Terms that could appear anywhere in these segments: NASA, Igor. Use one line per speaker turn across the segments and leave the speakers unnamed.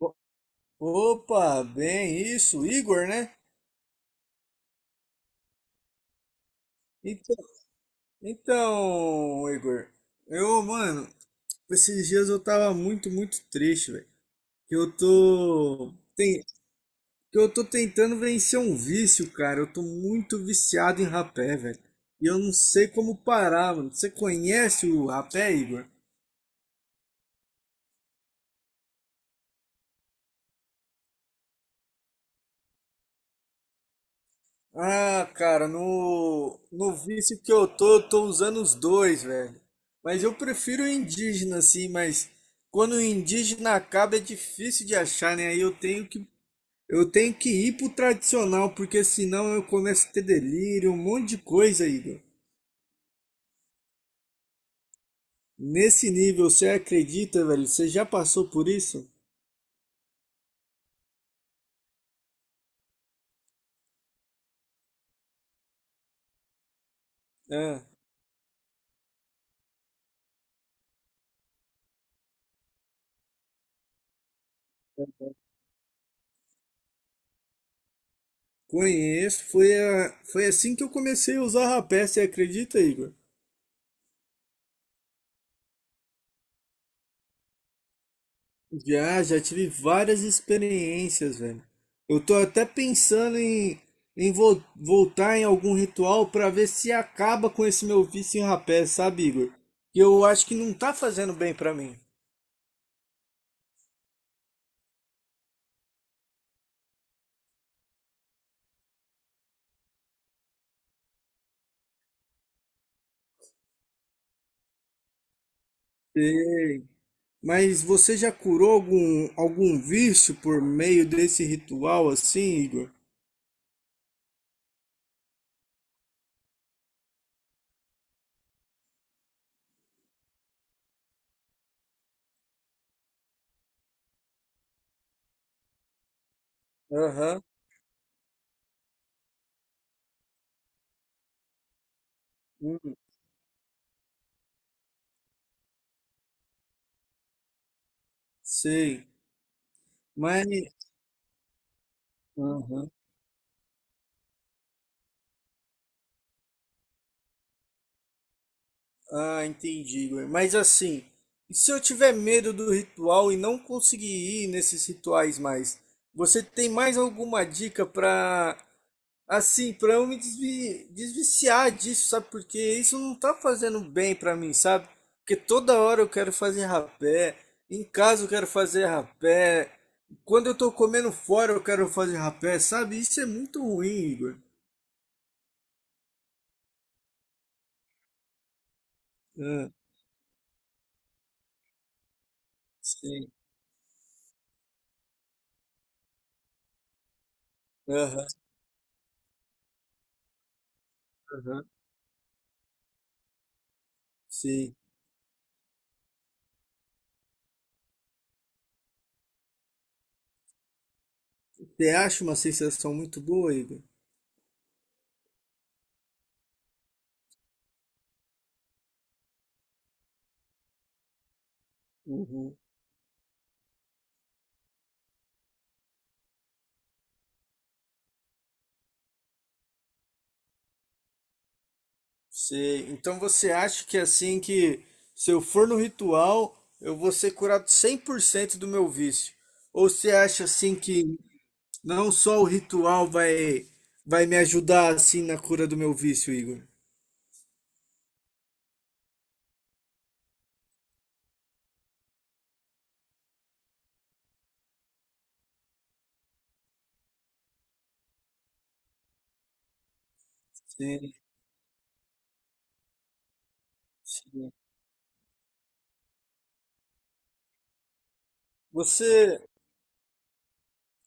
O- Opa, bem, isso, Igor, né? Então, então, Igor, eu, mano, esses dias eu tava muito, muito triste, velho. Que eu tô, tem, que eu tô tentando vencer um vício, cara. Eu tô muito viciado em rapé, velho. E eu não sei como parar, mano. Você conhece o rapé, Igor? Ah, cara, no vício que eu tô usando os dois, velho. Mas eu prefiro o indígena, assim, mas quando o indígena acaba é difícil de achar, né? Aí eu tenho que ir pro tradicional, porque senão eu começo a ter delírio, um monte de coisa, Igor. Nesse nível, você acredita, velho? Você já passou por isso? É, conheço. Foi assim que eu comecei a usar rapé, você acredita, Igor? Já, já tive várias experiências, velho. Eu tô até pensando em, voltar em algum ritual pra ver se acaba com esse meu vício em rapé, sabe, Igor? Que eu acho que não tá fazendo bem pra mim. Sei. Mas você já curou algum vício por meio desse ritual assim, Igor? Aham. Hum, sei. Mas. Aham. Ah, entendi, Igor. Mas assim, e se eu tiver medo do ritual e não conseguir ir nesses rituais mais, você tem mais alguma dica para assim, para eu me desviciar disso, sabe? Porque isso não tá fazendo bem para mim, sabe? Porque toda hora eu quero fazer rapé, em casa eu quero fazer rapé, quando eu tô comendo fora eu quero fazer rapé, sabe? Isso é muito ruim, Igor. Ah, sim. Aham, aham, sim. Você acha uma sensação muito boa, Igor? Uhum. Então você acha que assim que se eu for no ritual, eu vou ser curado 100% do meu vício? Ou você acha assim que não só o ritual vai me ajudar assim na cura do meu vício, Igor? Sim, sim. Você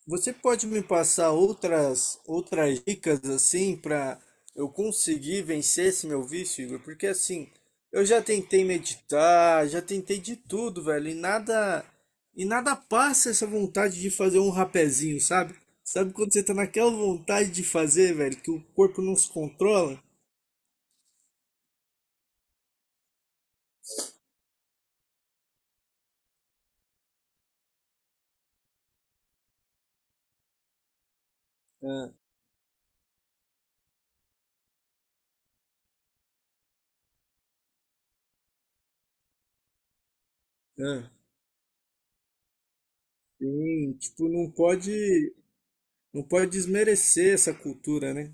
Você pode me passar outras dicas assim para eu conseguir vencer esse meu vício, Igor? Porque assim, eu já tentei meditar, já tentei de tudo, velho, e nada passa essa vontade de fazer um rapezinho, sabe? Sabe quando você tá naquela vontade de fazer, velho, que o corpo não se controla? Ah, ah. Sim, tipo, não pode desmerecer essa cultura, né?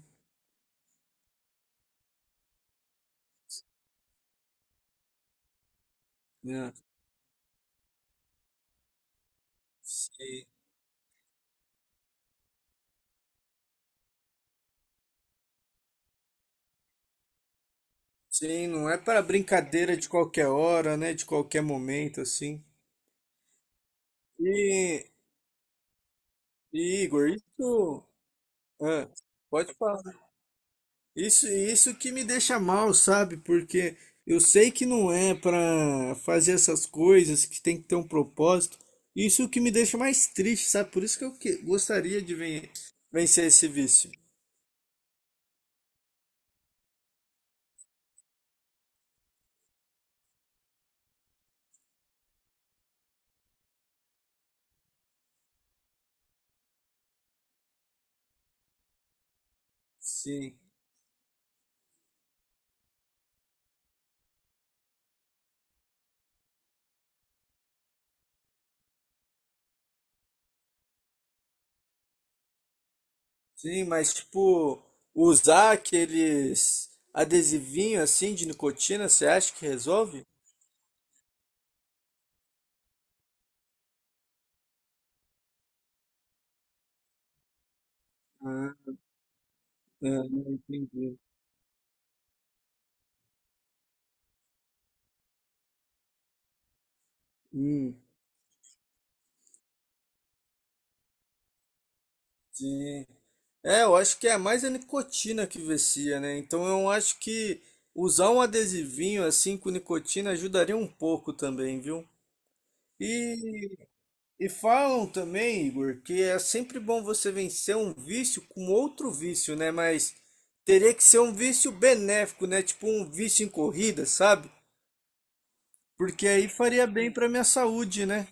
Ah. Sim. Sim, não é para brincadeira de qualquer hora, né? De qualquer momento, assim. E, e, Igor, isso. Ah, pode falar. Isso que me deixa mal, sabe? Porque eu sei que não é para fazer essas coisas, que tem que ter um propósito. Isso que me deixa mais triste, sabe? Por isso que gostaria de vencer esse vício. Sim, sim, mas tipo, usar aqueles adesivinhos assim de nicotina, você acha que resolve? Ah, ah, entendi. Hum, sim. É, eu acho que é mais a nicotina que vicia, né? Então eu acho que usar um adesivinho assim com nicotina ajudaria um pouco também, viu? E, e falam também, Igor, que é sempre bom você vencer um vício com outro vício, né? Mas teria que ser um vício benéfico, né? Tipo um vício em corrida, sabe? Porque aí faria bem pra minha saúde, né?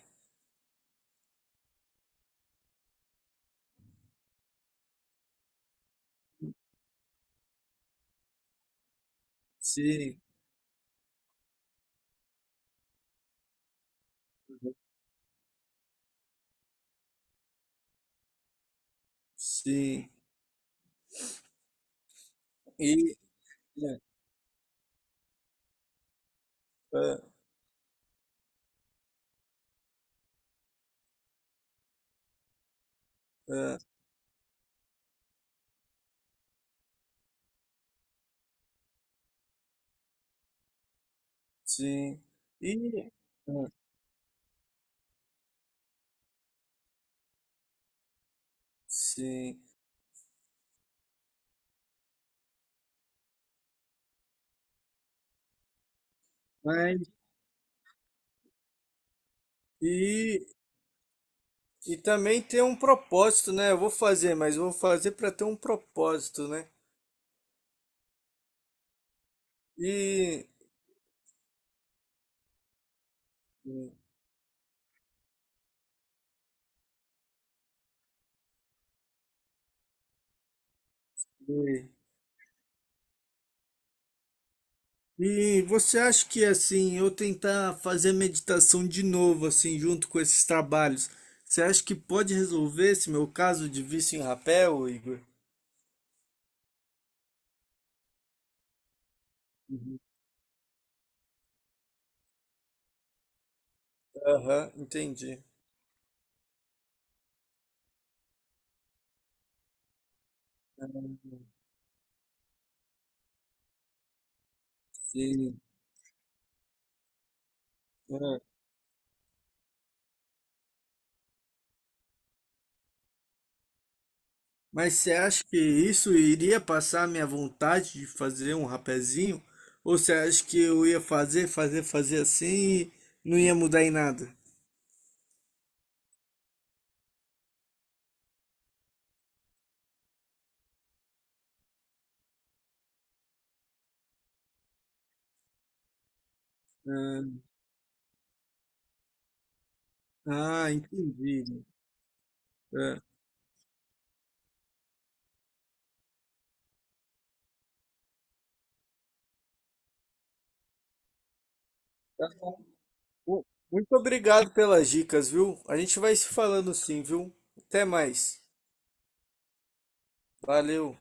Sim, sim. E, é, é. É, sim. E, é, sim. Mas, e, e também tem um propósito, né? Eu vou fazer, mas vou fazer para ter um propósito, né? E, e, e você acha que, assim, eu tentar fazer meditação de novo, assim, junto com esses trabalhos, você acha que pode resolver esse meu caso de vício em rapel, Igor? Uhum. Aham, entendi. Sim. Mas você acha que isso iria passar a minha vontade de fazer um rapezinho? Ou você acha que eu ia fazer, fazer, fazer assim e não ia mudar em nada? Ah, ah, entendi. É. Tá bom. Mu- Muito obrigado pelas dicas, viu? A gente vai se falando sim, viu? Até mais. Valeu.